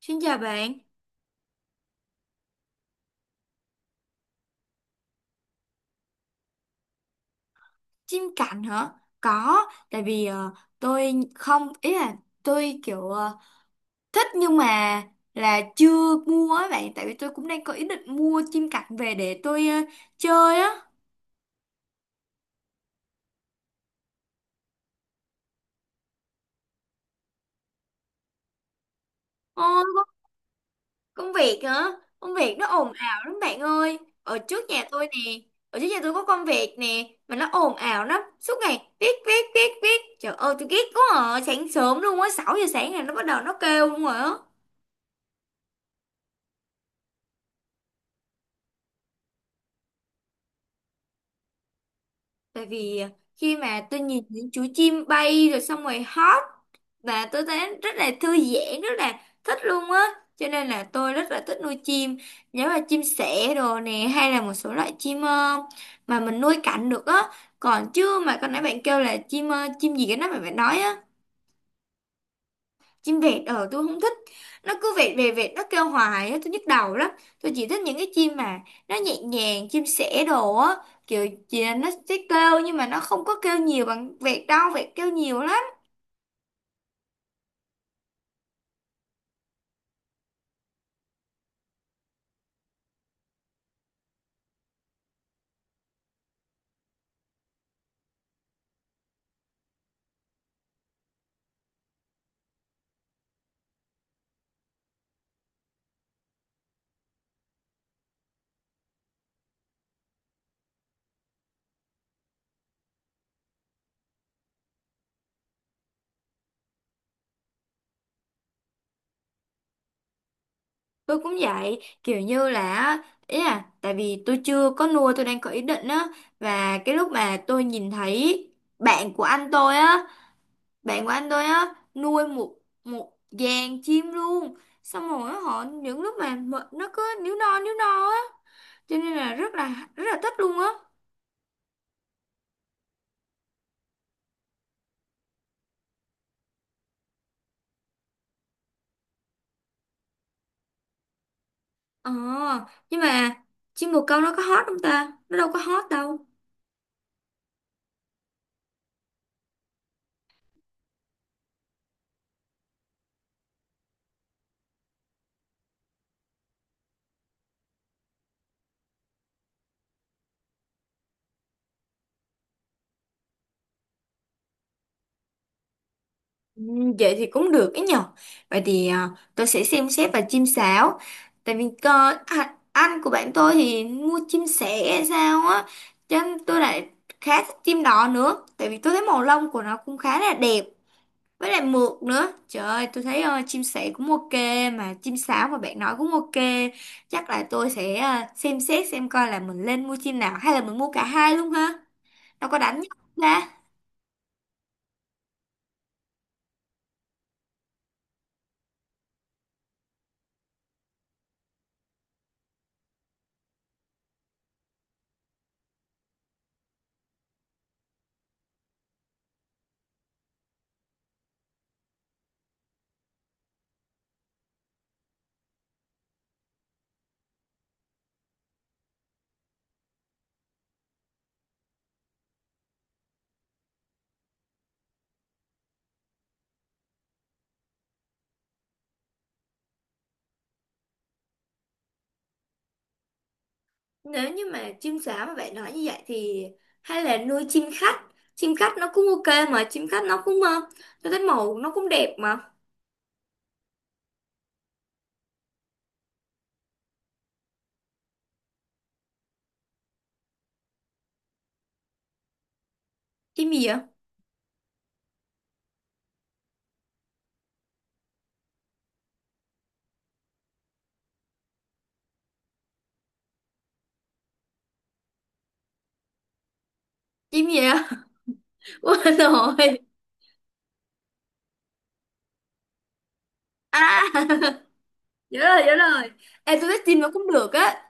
Xin chào bạn, chim cảnh hả? Có, tại vì tôi không, ý là tôi kiểu thích nhưng mà là chưa mua á bạn, tại vì tôi cũng đang có ý định mua chim cảnh về để tôi chơi á. Ôi, có- công việc hả? Công việc nó ồn ào lắm bạn ơi. Ở trước nhà tôi nè, ở trước nhà tôi có con vẹt nè, mà nó ồn ào lắm, suốt ngày viết viết viết viết. Trời ơi, tôi ghét quá à, sáng sớm luôn á, 6 giờ sáng là nó bắt đầu nó kêu luôn rồi á. Tại vì khi mà tôi nhìn những chú chim bay rồi xong rồi hót và tôi thấy rất là thư giãn, rất là thích luôn á. Cho nên là tôi rất là thích nuôi chim, giống là chim sẻ đồ nè hay là một số loại chim mà mình nuôi cảnh được á. Còn chứ mà con nãy bạn kêu là chim chim gì cái đó mà bạn nói á, chim vẹt ờ tôi không thích, nó cứ vẹt về vẹt nó kêu hoài á, tôi nhức đầu lắm. Tôi chỉ thích những cái chim mà nó nhẹ nhàng, chim sẻ đồ á, kiểu chỉ là nó sẽ kêu nhưng mà nó không có kêu nhiều bằng vẹt đâu, vẹt kêu nhiều lắm. Tôi cũng vậy, kiểu như là á, ý là tại vì tôi chưa có nuôi, tôi đang có ý định á. Và cái lúc mà tôi nhìn thấy bạn của anh tôi á, nuôi một một dàn chim luôn. Xong rồi á, họ những lúc mà mệt, nó cứ níu no á, cho nên là rất là thích luôn á. Ờ, nhưng mà chim bồ câu nó có hot không ta, nó đâu có hot đâu. Ừ, vậy thì cũng được ấy nhở. Vậy thì tôi sẽ xem xét và chim sáo, tại vì cơ à, anh của bạn tôi thì mua chim sẻ hay sao á, cho nên tôi lại khá thích chim đỏ nữa, tại vì tôi thấy màu lông của nó cũng khá là đẹp, với lại mượt nữa. Trời ơi, tôi thấy chim sẻ cũng ok, mà chim sáo mà bạn nói cũng ok. Chắc là tôi sẽ xem xét xem coi là mình lên mua chim nào, hay là mình mua cả hai luôn ha, đâu có đánh nhau ra. Nếu như mà chim sáo mà bạn nói như vậy thì hay là nuôi chim khách, chim khách nó cũng ok mà, chim khách nó cũng tôi thấy màu nó cũng đẹp mà. Chim gì vậy? Chim gì vậy? Quên rồi. À nhớ rồi, nhớ rồi. Ê, tôi thích chim nó cũng được á.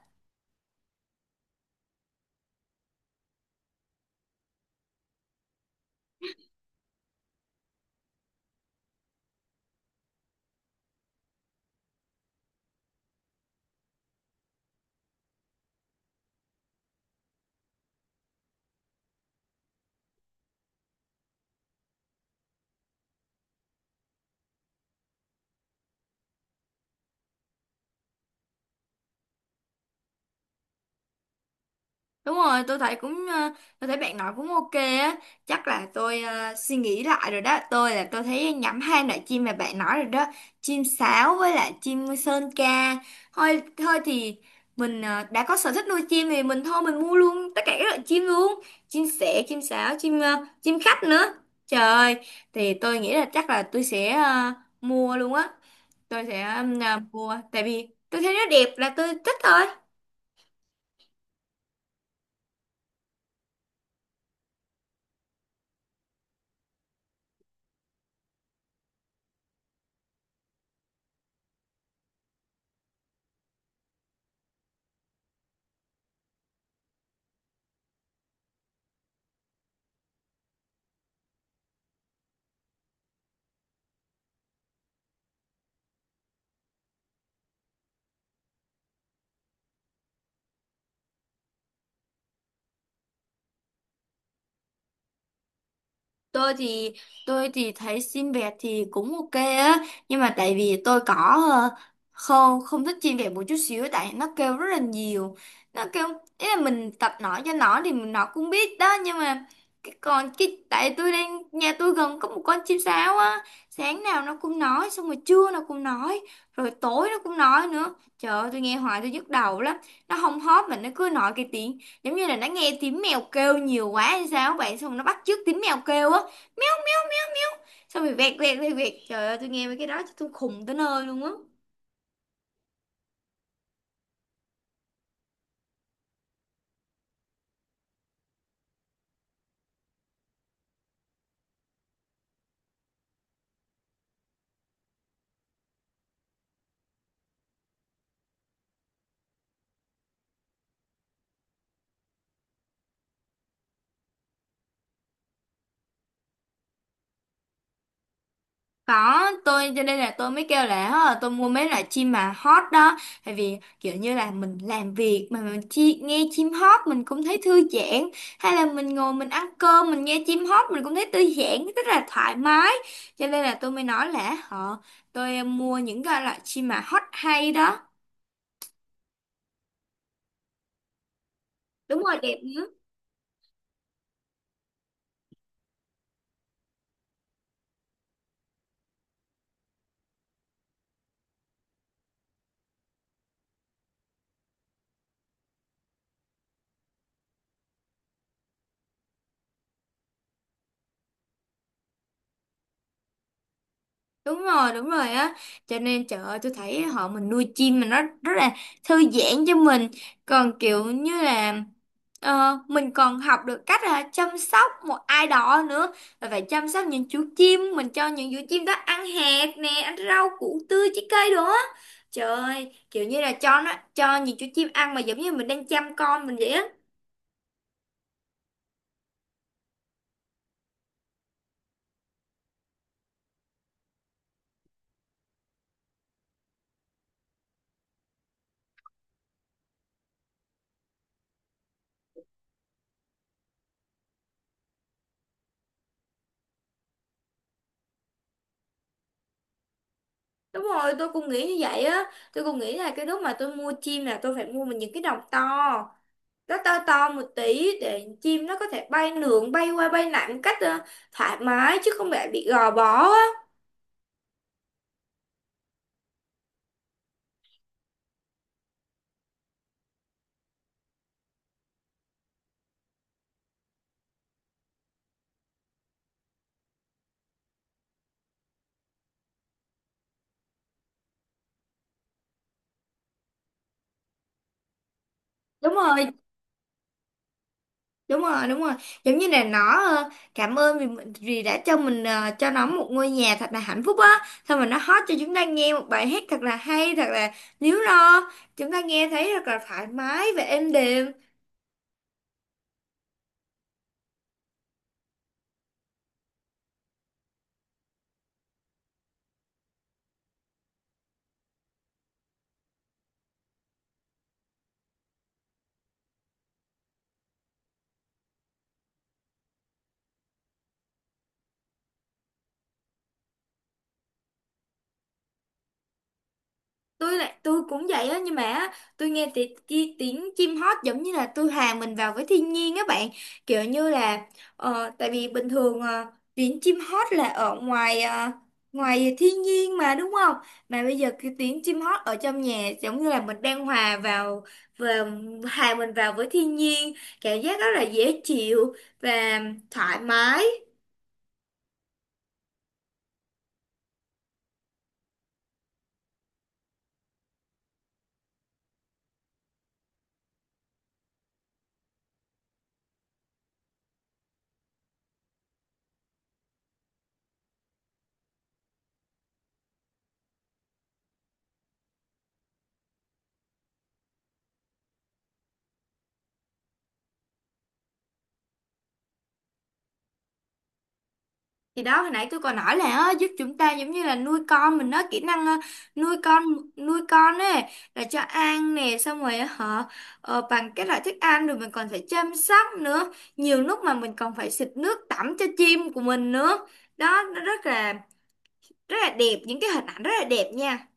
Đúng rồi, tôi thấy cũng tôi thấy bạn nói cũng ok á. Chắc là tôi suy nghĩ lại rồi đó. Tôi là tôi thấy nhắm hai loại chim mà bạn nói rồi đó. Chim sáo với lại chim sơn ca. Thôi thôi thì mình đã có sở thích nuôi chim thì mình thôi mình mua luôn tất cả các loại chim luôn. Chim sẻ, chim sáo, chim chim khách nữa. Trời ơi, thì tôi nghĩ là chắc là tôi sẽ mua luôn á. Tôi sẽ mua tại vì tôi thấy nó đẹp là tôi thích thôi. tôi thì tôi thì thấy xin vẹt thì cũng ok á, nhưng mà tại vì tôi có ờ, không không thích xin vẹt một chút xíu, tại nó kêu rất là nhiều. Nó kêu, ý là mình tập nói cho nó thì mình- nó cũng biết đó, nhưng mà cái còn cái tại tôi đang nhà tôi gần có một con chim sáo á. Sáng nào nó cũng nói, xong rồi trưa nó cũng nói, rồi tối nó cũng nói nữa. Trời ơi, tôi nghe hoài tôi nhức đầu lắm. Nó không hót mà nó cứ nói cái tiếng giống như là nó nghe tiếng mèo kêu nhiều quá hay sao bạn, xong rồi nó bắt chước tiếng mèo kêu á, xong rồi vẹt vẹt vẹt vẹt. Trời ơi, tôi nghe mấy cái đó tôi khùng tới nơi luôn á. Có, tôi cho nên là tôi mới kêu là "Hả, tôi mua mấy loại chim mà hót đó, tại vì kiểu như là mình làm việc mà mình chi, nghe chim hót mình cũng thấy thư giãn, hay là mình ngồi mình ăn cơm mình nghe chim hót mình cũng thấy thư giãn rất là thoải mái. Cho nên là tôi mới nói là họ tôi mua những cái loại chim mà hót hay đó. Đúng rồi, đẹp. Đúng rồi, đúng rồi á. Cho nên trời ơi, tôi thấy họ mình nuôi chim mà nó rất là thư giãn cho mình. Còn kiểu như là mình còn học được cách là chăm sóc một ai đó nữa, rồi phải chăm sóc những chú chim, mình cho những chú chim đó ăn hạt nè, ăn rau củ tươi trái cây đồ á. Trời ơi, kiểu như là cho nó cho những chú chim ăn mà giống như mình đang chăm con mình vậy á. Đúng rồi, tôi cũng nghĩ như vậy á. Tôi cũng nghĩ là cái lúc mà tôi mua chim là tôi phải mua mình những cái đồng to, nó to to một tí để chim nó có thể bay lượn bay qua bay lại một cách thoải mái chứ không phải bị gò bó á. đúng rồi đúng rồi đúng rồi, giống như là nó cảm ơn vì mình- vì đã cho mình cho nó một ngôi nhà thật là hạnh phúc á, xong rồi nó hót cho chúng ta nghe một bài hát thật là hay, thật là líu lo, chúng ta nghe thấy thật là thoải mái và êm đềm. Tôi cũng vậy á, nhưng mà á, tôi nghe tiếng ti, tiếng chim hót giống như là tôi hòa mình vào với thiên nhiên á bạn. Kiểu như là tại vì bình thường tiếng chim hót là ở ngoài ngoài thiên nhiên mà đúng không, mà bây giờ cái tiếng chim hót ở trong nhà giống như là mình đang hòa vào và hòa mình vào với thiên nhiên, cảm giác rất là dễ chịu và thoải mái. Thì đó, hồi nãy tôi còn nói là á, giúp chúng ta giống như là nuôi con mình á, kỹ năng á, nuôi con nuôi con ấy, là cho ăn nè, xong rồi họ bằng các loại thức ăn, rồi mình còn phải chăm sóc nữa, nhiều lúc mà mình còn phải xịt nước tắm cho chim của mình nữa. Đó, nó rất là đẹp, những cái hình ảnh rất là đẹp nha.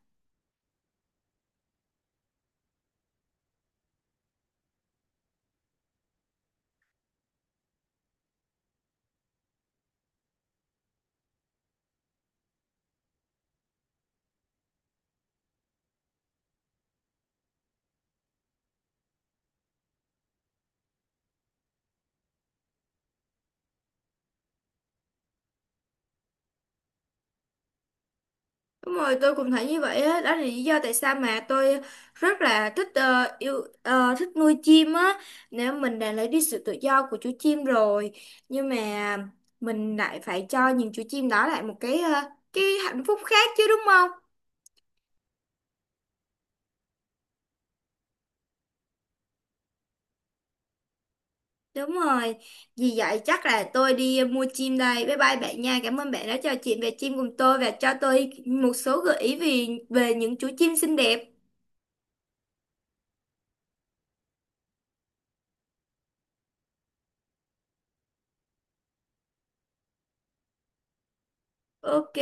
Đúng rồi, tôi cũng thấy như vậy á, đó là lý do tại sao mà tôi rất là thích yêu thích nuôi chim á. Nếu mình đã lấy đi sự tự do của chú chim rồi, nhưng mà mình lại phải cho những chú chim đó lại một cái cái hạnh phúc khác chứ đúng không? Đúng rồi. Vì vậy chắc là tôi đi mua chim đây. Bye bye bạn nha. Cảm ơn bạn đã trò chuyện về chim cùng tôi và cho tôi một số gợi ý về về những chú chim xinh đẹp. Ok.